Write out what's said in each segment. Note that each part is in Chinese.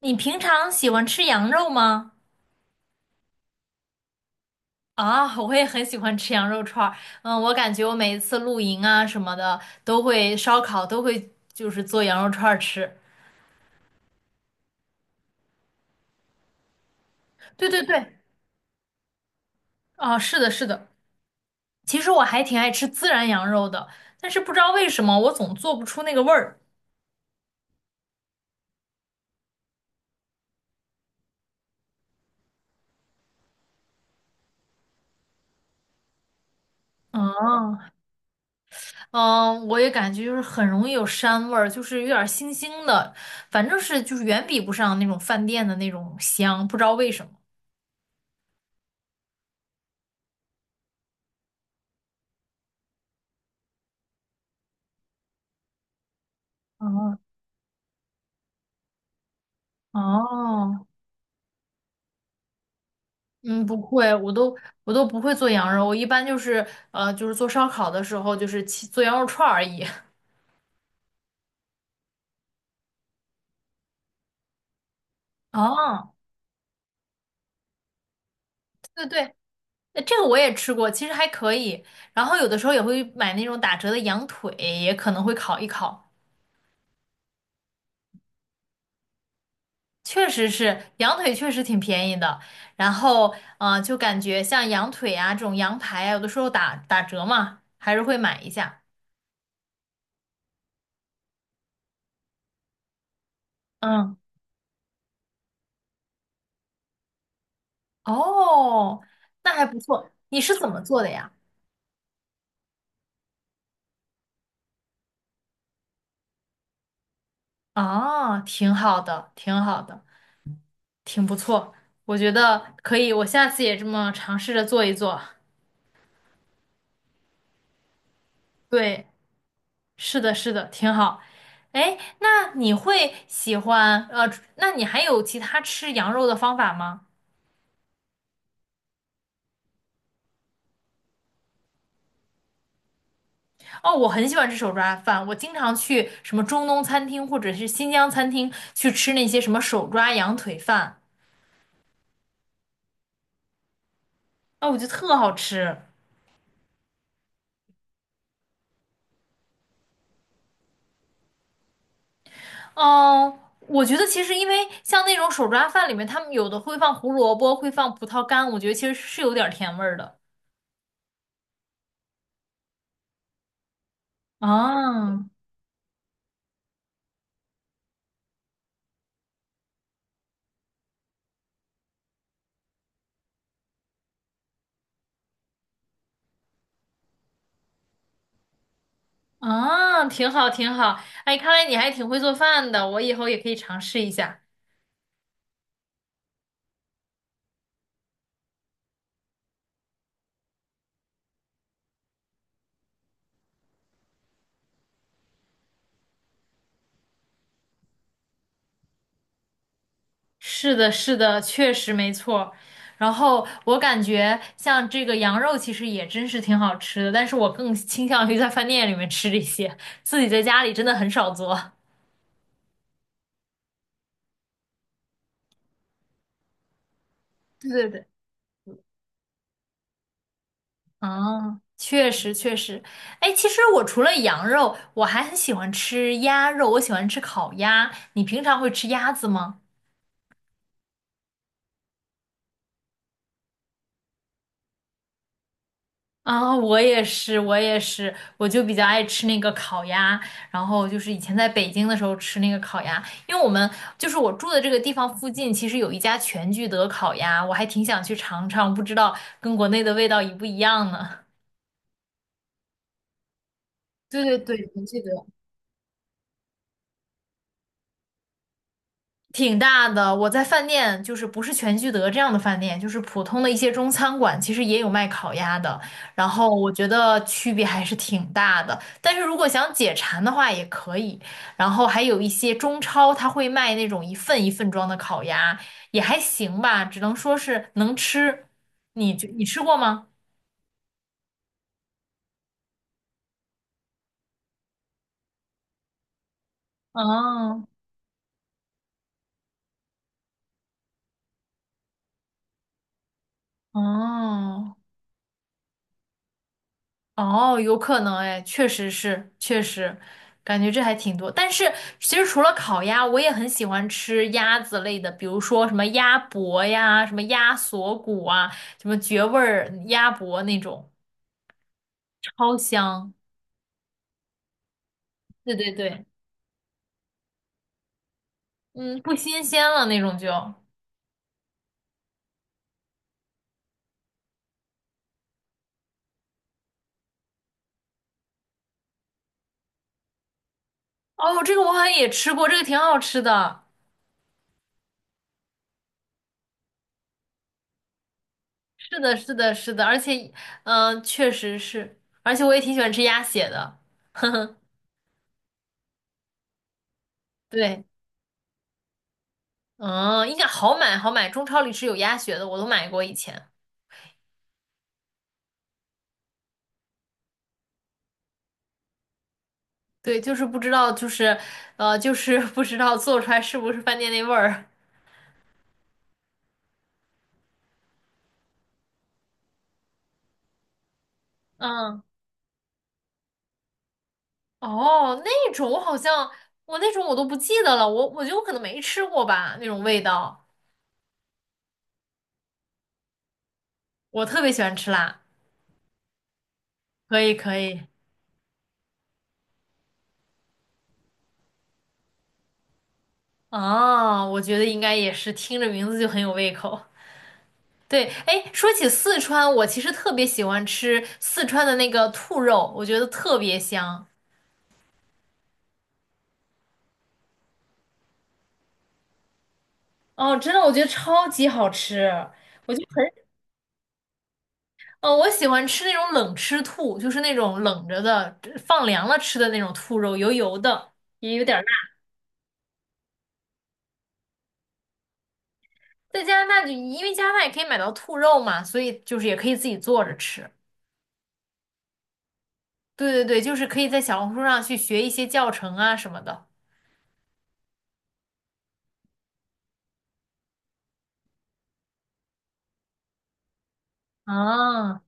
你平常喜欢吃羊肉吗？啊，我也很喜欢吃羊肉串儿。嗯，我感觉我每一次露营啊什么的，都会烧烤，都会就是做羊肉串儿吃。对对对，啊，是的，是的。其实我还挺爱吃孜然羊肉的，但是不知道为什么我总做不出那个味儿。哦，嗯，我也感觉就是很容易有膻味儿，就是有点儿腥腥的，反正是就是远比不上那种饭店的那种香，不知道为什么。哦哦，嗯，不会，我都不会做羊肉，我一般就是就是做烧烤的时候，就是切做羊肉串儿而已。哦，对对对，这个我也吃过，其实还可以。然后有的时候也会买那种打折的羊腿，也可能会烤一烤。确实是，羊腿确实挺便宜的。然后就感觉像羊腿啊这种羊排啊，有的时候打打折嘛，还是会买一下。嗯，哦，那还不错。你是怎么做的呀？哦，挺好的，挺好的。挺不错，我觉得可以，我下次也这么尝试着做一做。对，是的，是的，挺好。哎，那你会喜欢那你还有其他吃羊肉的方法吗？哦，我很喜欢吃手抓饭，我经常去什么中东餐厅或者是新疆餐厅去吃那些什么手抓羊腿饭，哦，我觉得特好吃。嗯，我觉得其实因为像那种手抓饭里面，他们有的会放胡萝卜，会放葡萄干，我觉得其实是有点儿甜味儿的。啊，啊，挺好，挺好。哎，看来你还挺会做饭的，我以后也可以尝试一下。是的，是的，确实没错。然后我感觉像这个羊肉其实也真是挺好吃的，但是我更倾向于在饭店里面吃这些，自己在家里真的很少做。对对对，啊，确实确实。哎，其实我除了羊肉，我还很喜欢吃鸭肉，我喜欢吃烤鸭。你平常会吃鸭子吗？啊，我也是，我也是，我就比较爱吃那个烤鸭，然后就是以前在北京的时候吃那个烤鸭，因为我们就是我住的这个地方附近，其实有一家全聚德烤鸭，我还挺想去尝尝，不知道跟国内的味道一不一样呢。对对对，全聚德。挺大的。我在饭店，就是不是全聚德这样的饭店，就是普通的一些中餐馆，其实也有卖烤鸭的。然后我觉得区别还是挺大的。但是如果想解馋的话，也可以。然后还有一些中超，他会卖那种一份一份装的烤鸭，也还行吧，只能说是能吃。你吃过吗？哦哦。哦，有可能哎，确实是，确实，感觉这还挺多。但是其实除了烤鸭，我也很喜欢吃鸭子类的，比如说什么鸭脖呀、什么鸭锁骨啊、什么绝味儿鸭脖那种，超香。对对对，嗯，不新鲜了那种就。哦，这个我好像也吃过，这个挺好吃的。是的，是的，是的，而且，嗯、确实是，而且我也挺喜欢吃鸭血的。对。嗯，应该好买好买，中超里是有鸭血的，我都买过以前。对，就是不知道，就是就是 不知道做出来是不是饭店那味儿。嗯，哦，那种我好像我那种我都不记得了，我觉得我可能没吃过吧，那种味道。我特别喜欢吃辣，可以可以。啊，我觉得应该也是听着名字就很有胃口。对，哎，说起四川，我其实特别喜欢吃四川的那个兔肉，我觉得特别香。哦，真的，我觉得超级好吃。我就很，我喜欢吃那种冷吃兔，就是那种冷着的，放凉了吃的那种兔肉，油油的，也有点儿辣。在加拿大就，因为加拿大也可以买到兔肉嘛，所以就是也可以自己做着吃。对对对，就是可以在小红书上去学一些教程啊什么的。啊，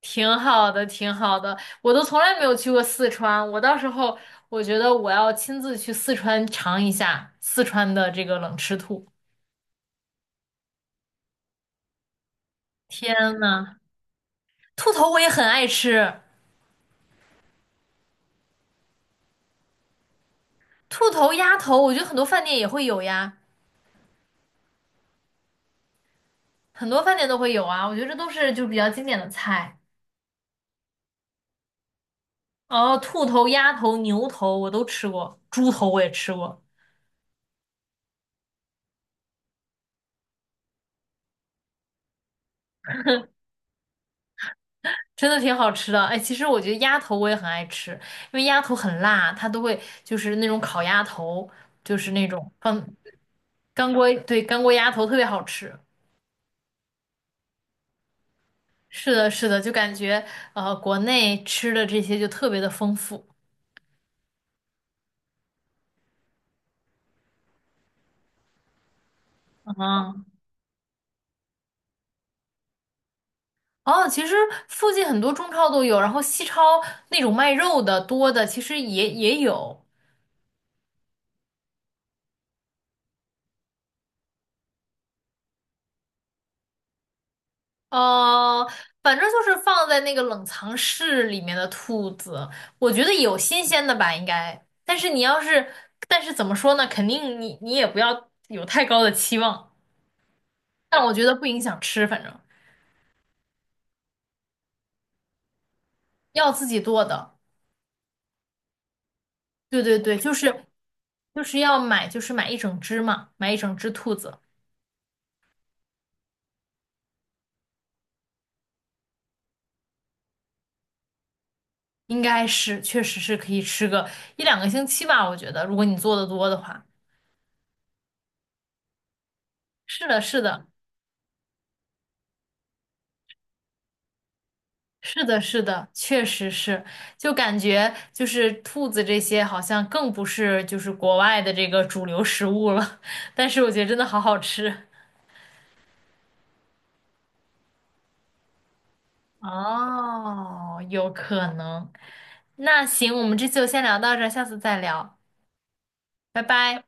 挺好的，挺好的。我都从来没有去过四川，我到时候我觉得我要亲自去四川尝一下四川的这个冷吃兔。天呐！兔头我也很爱吃，兔头、鸭头，我觉得很多饭店也会有呀，很多饭店都会有啊。我觉得这都是就比较经典的菜。哦，兔头、鸭头、牛头我都吃过，猪头我也吃过，真的挺好吃的。哎，其实我觉得鸭头我也很爱吃，因为鸭头很辣，它都会就是那种烤鸭头，就是那种放干锅，对，干锅鸭头特别好吃。是的，是的，就感觉国内吃的这些就特别的丰富。嗯，哦，其实附近很多中超都有，然后西超那种卖肉的多的，其实也也有。呃，反正就是放在那个冷藏室里面的兔子，我觉得有新鲜的吧，应该。但是你要是，但是怎么说呢？肯定你也不要有太高的期望，但我觉得不影响吃，反正要自己做的。对对对，就是要买，就是买一整只嘛，买一整只兔子。应该是，确实是可以吃个一两个星期吧，我觉得，如果你做的多的话。是的，是的，是的，是的，确实是，就感觉就是兔子这些好像更不是就是国外的这个主流食物了，但是我觉得真的好好吃。哦，有可能。那行，我们这次就先聊到这儿，下次再聊，拜拜。